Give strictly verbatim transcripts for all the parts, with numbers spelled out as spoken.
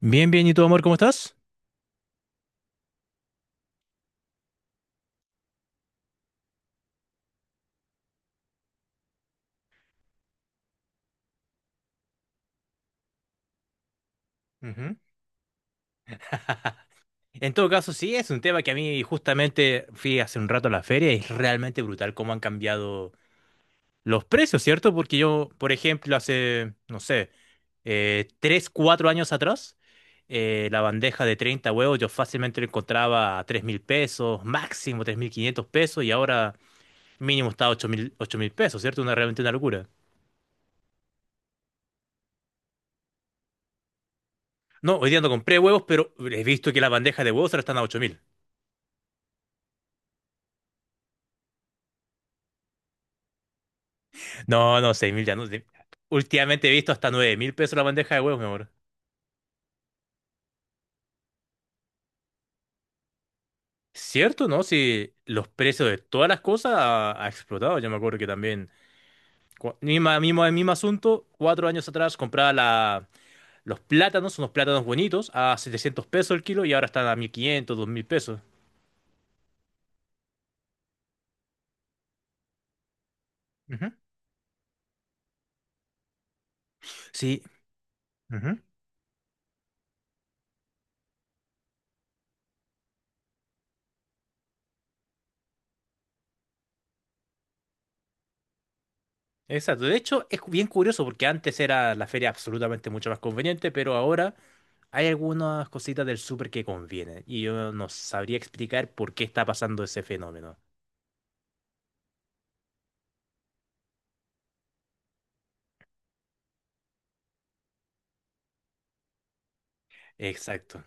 Bien, bien, ¿y tú, amor, cómo estás? Ujú. En todo caso, sí, es un tema que a mí justamente fui hace un rato a la feria y es realmente brutal cómo han cambiado los precios, ¿cierto? Porque yo, por ejemplo, hace, no sé, eh, tres, cuatro años atrás, eh, la bandeja de treinta huevos yo fácilmente la encontraba a tres mil pesos, máximo tres mil quinientos pesos, y ahora mínimo está a ocho mil ocho mil pesos, ¿cierto? Una, realmente una locura. No, hoy día no compré huevos, pero he visto que la bandeja de huevos ahora están a ocho mil. No, no, seis mil ya no. de- Últimamente he visto hasta nueve mil pesos la bandeja de huevos, mi amor. ¿Cierto, no? Si los precios de todas las cosas ha, ha explotado. Yo me acuerdo que también Cu- Misma, mismo, el mismo asunto, cuatro años atrás compraba la- los plátanos, unos plátanos bonitos, a setecientos pesos el kilo y ahora están a mil quinientos dos mil pesos. Ujú, sí, ujú, exacto. De hecho, es bien curioso porque antes era la feria absolutamente mucho más conveniente, pero ahora hay algunas cositas del súper que convienen y yo no sabría explicar por qué está pasando ese fenómeno. Exacto.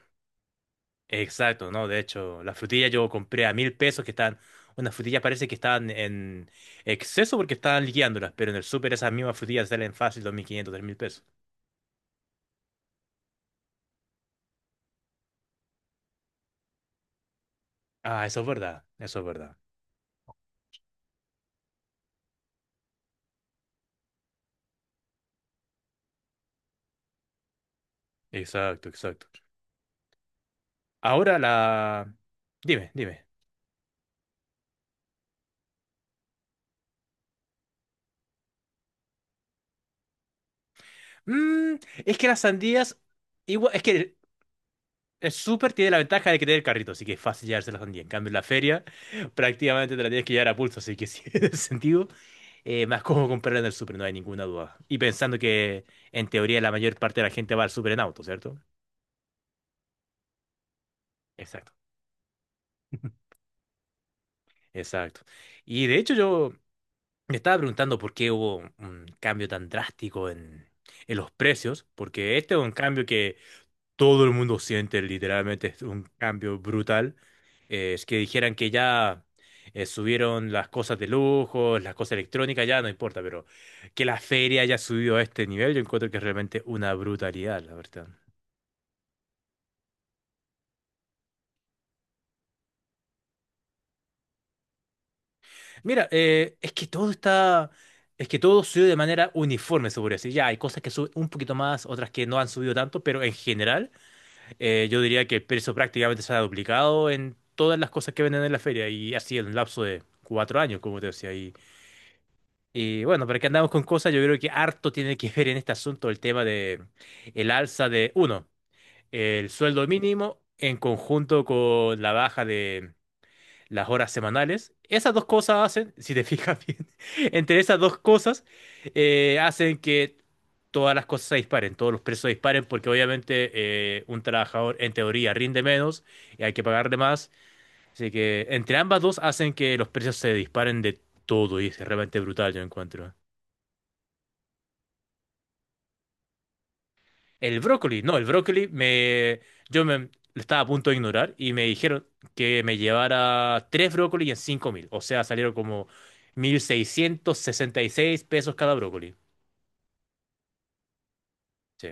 Exacto, no, de hecho, las frutillas yo compré a mil pesos que estaban, unas frutillas parece que estaban en exceso porque estaban liquidándolas, pero en el súper esas mismas frutillas salen fácil dos mil quinientos tres mil pesos. Ah, eso es verdad, eso es verdad. Exacto, exacto. Ahora la... Dime, dime. Mm, es que las sandías, igual, es que Es súper, tiene la ventaja de que tiene el carrito, así que es fácil llevarse la sandía. En cambio, en la feria prácticamente te la tienes que llevar a pulso, así que sí, en ese sentido, eh, más cómodo comprarla en el súper, no hay ninguna duda. Y pensando que en teoría la mayor parte de la gente va al súper en auto, ¿cierto? Exacto. Exacto. Y de hecho yo me estaba preguntando por qué hubo un cambio tan drástico en, en los precios, porque este es un cambio que todo el mundo siente literalmente es un cambio brutal. Eh, es que dijeran que ya eh, subieron las cosas de lujo, las cosas electrónicas, ya no importa, pero que la feria haya subido a este nivel, yo encuentro que es realmente una brutalidad, la verdad. Mira, eh, es que todo está, es que todo subió de manera uniforme, se podría decir. Ya hay cosas que suben un poquito más, otras que no han subido tanto, pero en general, eh, yo diría que el precio prácticamente se ha duplicado en todas las cosas que venden en la feria y ha sido en un lapso de cuatro años, como te decía. Y Y bueno, pero que andamos con cosas, yo creo que harto tiene que ver en este asunto el tema de el alza de, uno, el sueldo mínimo en conjunto con la baja de las horas semanales. Esas dos cosas hacen, si te fijas bien, entre esas dos cosas eh, hacen que todas las cosas se disparen, todos los precios se disparen, porque obviamente eh, un trabajador en teoría rinde menos y hay que pagarle más. Así que entre ambas dos hacen que los precios se disparen de todo y es realmente brutal, yo encuentro. El brócoli, no, el brócoli me, yo me, lo estaba a punto de ignorar y me dijeron que me llevara tres brócolis en cinco mil. O sea, salieron como mil seiscientos sesenta y seis pesos cada brócoli. Sí,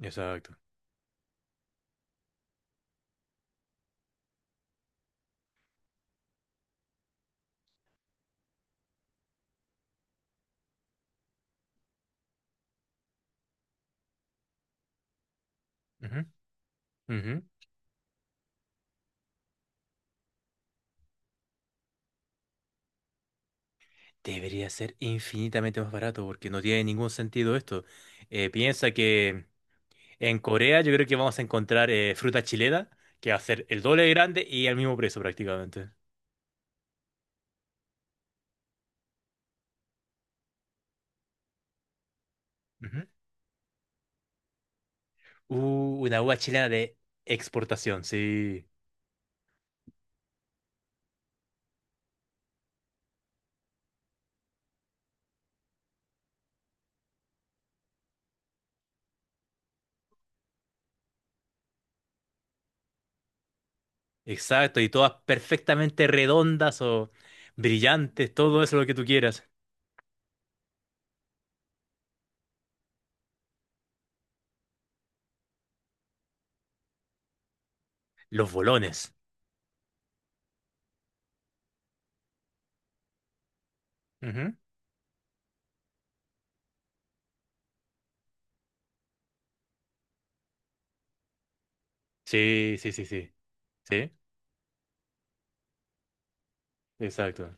exacto. Ujú, ujú. Debería ser infinitamente más barato porque no tiene ningún sentido esto. Eh, piensa que en Corea yo creo que vamos a encontrar eh, fruta chilena que va a ser el doble de grande y al mismo precio prácticamente. Ujú. Uh, una uva chilena de exportación, sí. Exacto, y todas perfectamente redondas o brillantes, todo eso lo que tú quieras. Los bolones. Ujú. Sí, sí, sí, sí. Sí, exacto.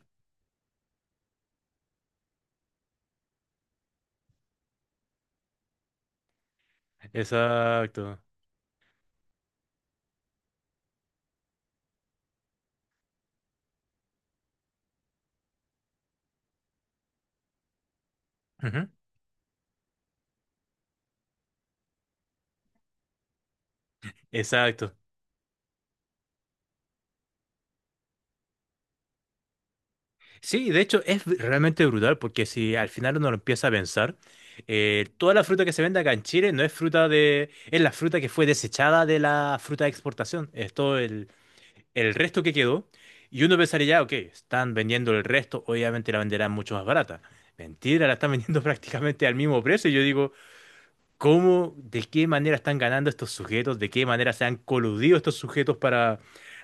Exacto. Ujú. Exacto. Sí, de hecho es realmente brutal porque si al final uno lo empieza a pensar, eh, toda la fruta que se vende acá en Chile no es fruta de... es la fruta que fue desechada de la fruta de exportación. Es todo el, el resto que quedó. Y uno pensaría, ya, ok, están vendiendo el resto, obviamente la venderán mucho más barata. Mentira, la están vendiendo prácticamente al mismo precio. Y yo digo, ¿cómo, de qué manera están ganando estos sujetos? ¿De qué manera se han coludido estos sujetos para,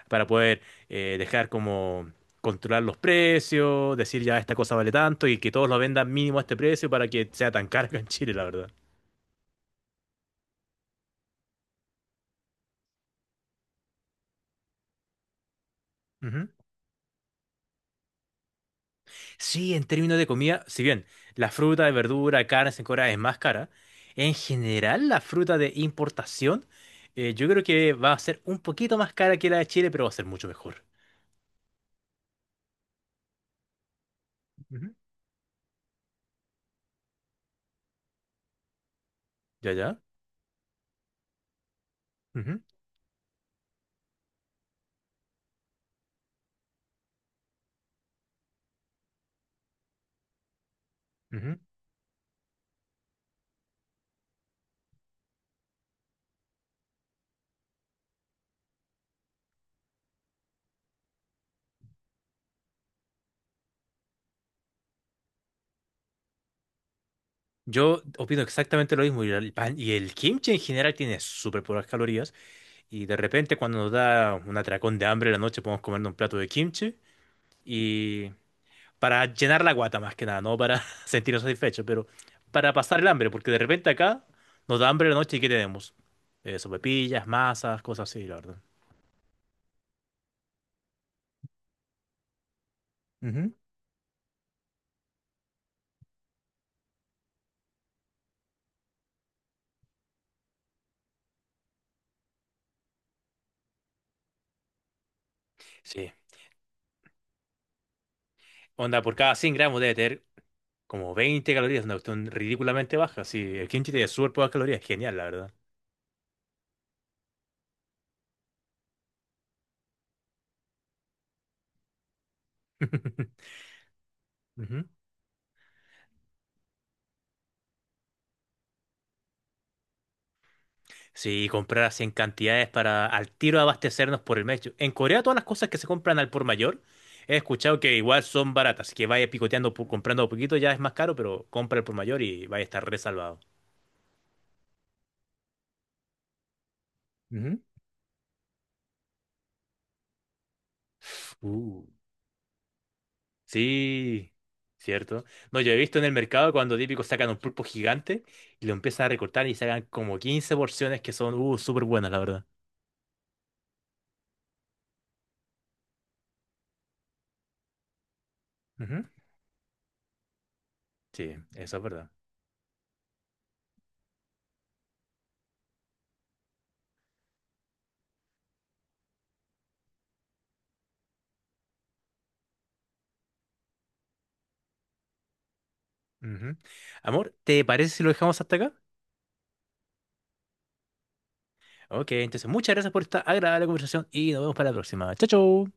para poder eh, dejar como controlar los precios, decir ya esta cosa vale tanto y que todos lo vendan mínimo a este precio para que sea tan caro acá en Chile, la verdad. Sí, en términos de comida, si bien la fruta de verdura, carne en Corea es más cara, en general la fruta de importación eh, yo creo que va a ser un poquito más cara que la de Chile, pero va a ser mucho mejor. Ujú. Ya, ya. Ujú, ujú. Yo opino exactamente lo mismo. Y el pan y el kimchi en general tiene súper pocas calorías. Y de repente, cuando nos da un atracón de hambre en la noche, podemos comer un plato de kimchi. Y para llenar la guata más que nada, no para sentirnos satisfechos, pero para pasar el hambre, porque de repente acá nos da hambre la noche y ¿qué tenemos? Eh, sopepillas, masas, cosas así, la verdad. Ujú. Sí. Onda, por cada cien gramos debe tener como veinte calorías, una cuestión ridículamente baja. Sí, el kimchi tiene súper pocas calorías, genial, la verdad. Ujú. Sí, comprar así en cantidades para al tiro abastecernos por el mes. Yo- En Corea todas las cosas que se compran al por mayor, he escuchado que igual son baratas, así que vaya picoteando, po- comprando a poquito ya es más caro, pero compra el por mayor y vaya a estar resalvado. Ujú. Uh, sí, cierto. No, yo he visto en el mercado cuando típicos sacan un pulpo gigante y lo empiezan a recortar y sacan como quince porciones que son uh, súper buenas, la verdad. Ujú, sí, eso es verdad. Ujú. Amor, ¿te parece si lo dejamos hasta acá? Ok, entonces muchas gracias por esta agradable conversación y nos vemos para la próxima. Chao, chao.